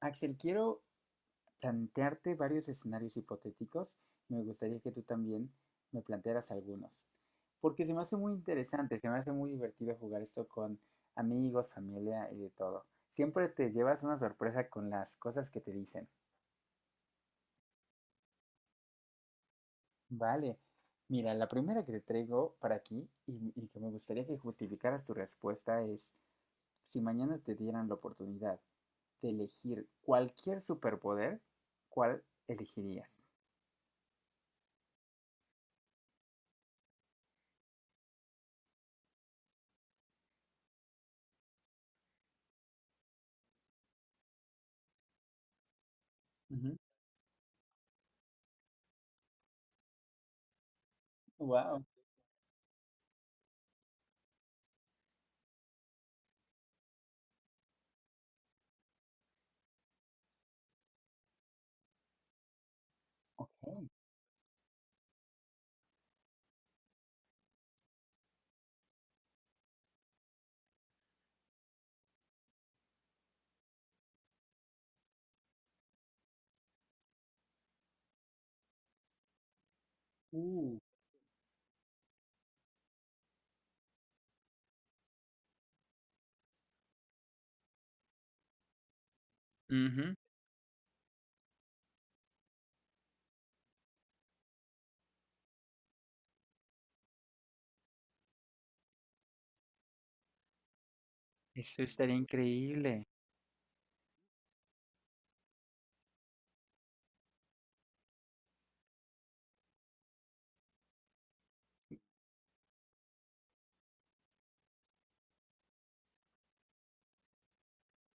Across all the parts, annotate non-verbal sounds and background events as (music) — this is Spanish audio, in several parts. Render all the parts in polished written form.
Axel, quiero plantearte varios escenarios hipotéticos. Me gustaría que tú también me plantearas algunos, porque se me hace muy interesante, se me hace muy divertido jugar esto con amigos, familia y de todo. Siempre te llevas una sorpresa con las cosas que te dicen. Vale, mira, la primera que te traigo para aquí y que me gustaría que justificaras tu respuesta es, si mañana te dieran la oportunidad de elegir cualquier superpoder, ¿cuál elegirías? Wow. Ok. uh, Ujú. Eso estaría increíble.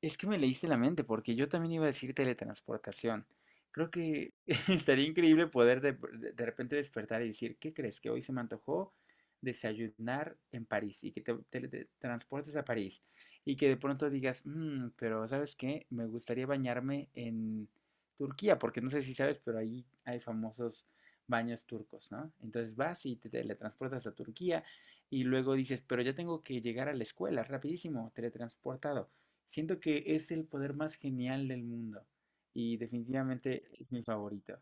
Es que me leíste la mente, porque yo también iba a decir teletransportación. Creo que (laughs) estaría increíble poder repente despertar y decir, ¿qué crees? Que hoy se me antojó desayunar en París y que te teletransportes a París y que de pronto digas, "Mm, pero ¿sabes qué? Me gustaría bañarme en Turquía, porque no sé si sabes, pero ahí hay famosos baños turcos, ¿no? Entonces vas y te teletransportas a Turquía y luego dices, pero ya tengo que llegar a la escuela rapidísimo, teletransportado. Siento que es el poder más genial del mundo y definitivamente es mi favorito.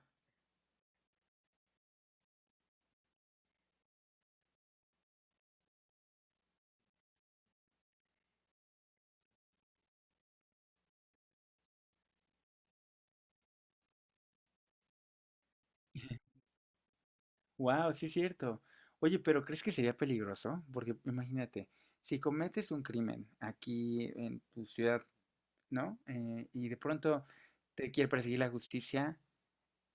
Wow, sí es cierto. Oye, pero ¿crees que sería peligroso? Porque imagínate, si cometes un crimen aquí en tu ciudad, ¿no? Y de pronto te quiere perseguir la justicia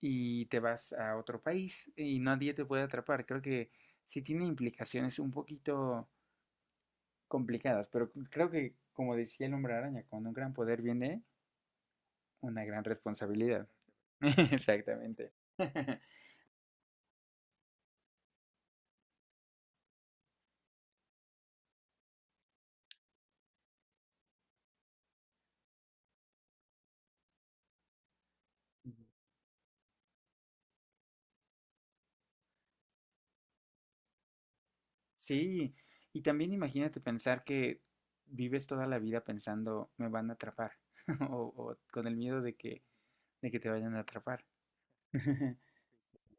y te vas a otro país y nadie te puede atrapar. Creo que sí tiene implicaciones un poquito complicadas, pero creo que, como decía el hombre araña, con un gran poder viene una gran responsabilidad. (laughs) Exactamente. (laughs) Ujú. Sí, y también imagínate pensar que vives toda la vida pensando, me van a atrapar, (laughs) o con el miedo de que te vayan a atrapar. (laughs) Sí, sí, sí.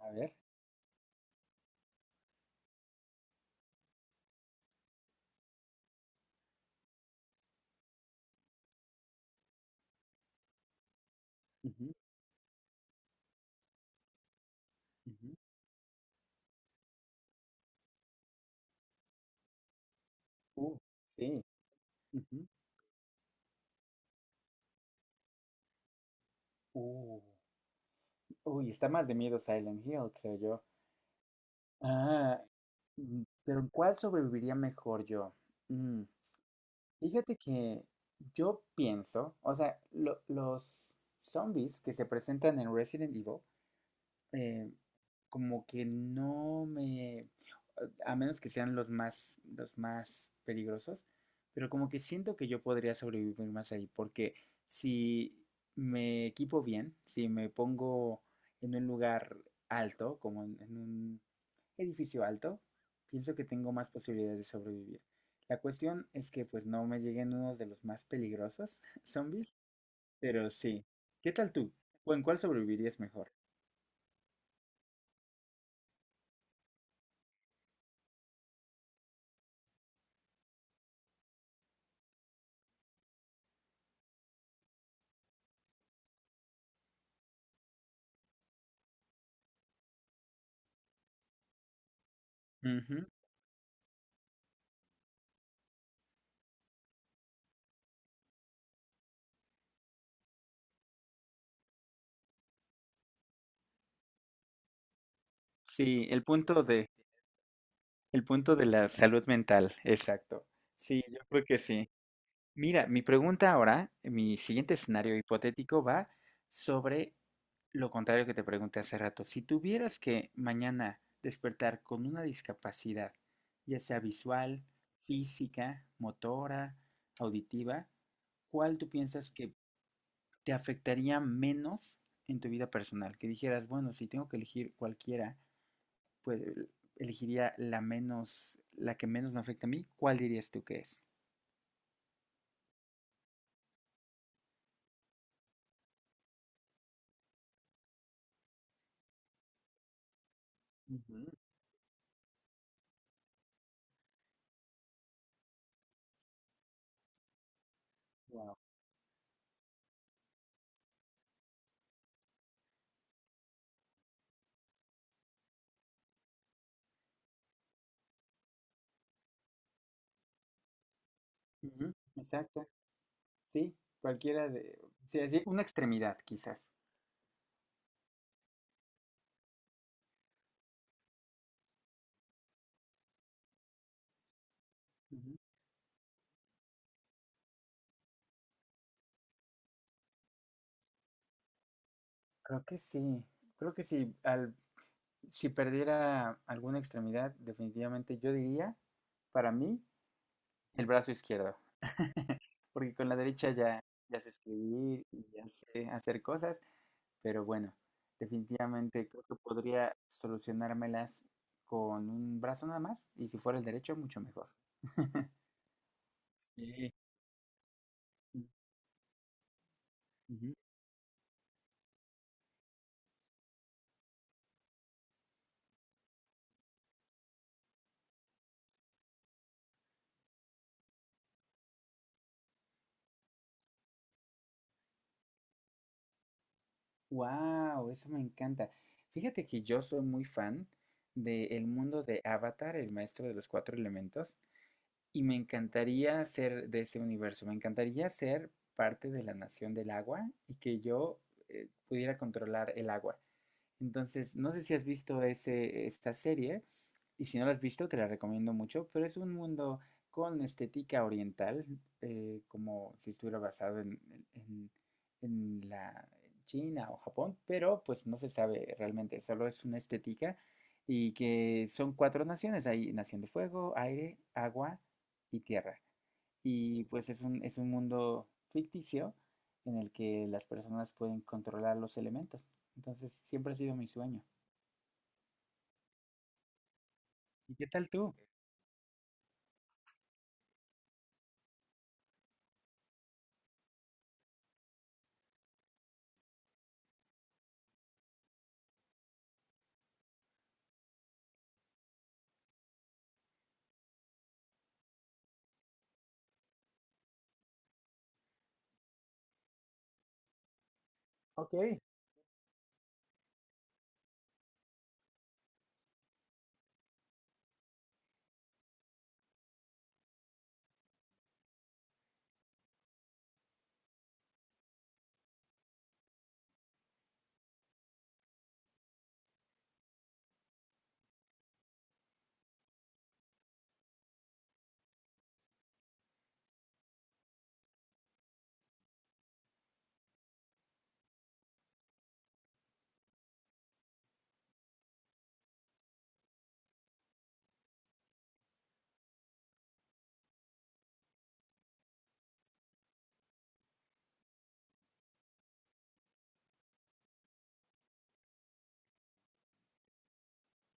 A ver. Ujú, ujú. Uh, sí. Ujú. Uh, Uy, está más de miedo Silent Hill, creo yo. Ah, mm, pero ¿cuál sobreviviría mejor yo? Mm, fíjate que yo pienso, o sea, los zombies que se presentan en Resident Evil eh, como que no me, a menos que sean los más peligrosos, pero como que siento que yo podría sobrevivir más ahí, porque si me equipo bien, si me pongo en un lugar alto, como en un edificio alto, pienso que tengo más posibilidades de sobrevivir. La cuestión es que pues no me lleguen unos de los más peligrosos (laughs) zombies, pero sí. ¿Qué tal tú? ¿O en cuál sobrevivirías mejor? Ujú. Sí, el punto de la salud mental, exacto. Sí, yo creo que sí. Mira, mi pregunta ahora, mi siguiente escenario hipotético va sobre lo contrario que te pregunté hace rato. Si tuvieras que mañana despertar con una discapacidad, ya sea visual, física, motora, auditiva, ¿cuál tú piensas que te afectaría menos en tu vida personal? Que dijeras, bueno, si tengo que elegir cualquiera, pues elegiría la menos, la que menos me afecta a mí. ¿Cuál dirías tú que es? Ujú. Wow. Ujú, exacto, sí, cualquiera de, sí, así, una extremidad quizás. Ujú. Creo que sí, creo que sí, si perdiera alguna extremidad, definitivamente yo diría, para mí, el brazo izquierdo, (laughs) porque con la derecha ya, ya sé escribir y ya sé hacer cosas. Pero bueno, definitivamente creo que podría solucionármelas con un brazo nada más y si fuera el derecho, mucho mejor. (laughs) Sí. Wow, eso me encanta. Fíjate que yo soy muy fan del mundo de Avatar, el maestro de los cuatro elementos, y me encantaría ser de ese universo. Me encantaría ser parte de la nación del agua y que yo pudiera controlar el agua. Entonces, no sé si has visto esta serie, y si no la has visto, te la recomiendo mucho, pero es un mundo con estética oriental, como si estuviera basado en- en la China o Japón, pero pues no se sabe realmente, solo es una estética y que son cuatro naciones, hay nación de fuego, aire, agua y tierra. Y pues es un mundo ficticio en el que las personas pueden controlar los elementos. Entonces siempre ha sido mi sueño. ¿Y qué tal tú? Ok, qué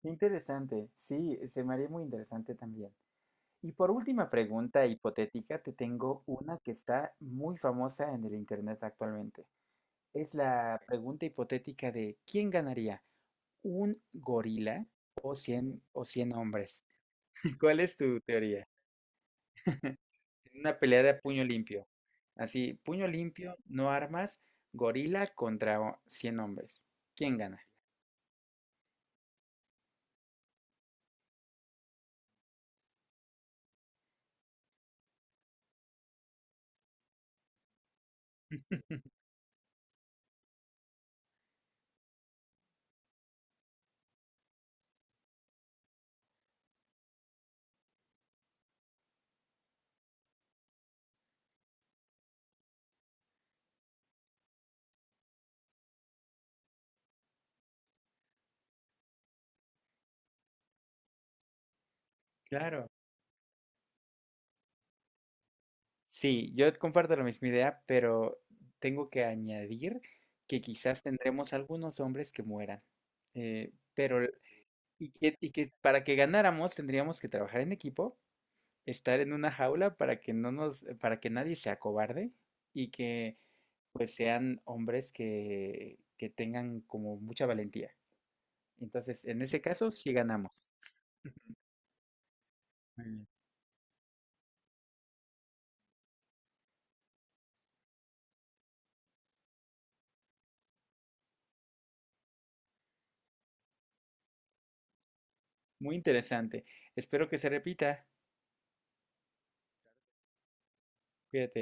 interesante. Sí, se me haría muy interesante también. Y por última pregunta hipotética, te tengo una que está muy famosa en el internet actualmente. Es la pregunta hipotética de ¿quién ganaría? ¿Un gorila o 100 hombres? (laughs) ¿Cuál es tu teoría? En una pelea de puño limpio. Así, puño limpio, no armas, gorila contra 100 hombres. ¿Quién gana? Claro. Sí, yo comparto la misma idea, pero tengo que añadir que quizás tendremos algunos hombres que mueran. Eh, pero, y que para que ganáramos tendríamos que trabajar en equipo, estar en una jaula para que no nos, para que nadie sea cobarde y que pues sean hombres que tengan como mucha valentía. Entonces, en ese caso, sí ganamos. Muy bien. Muy interesante. Espero que se repita. Cuídate.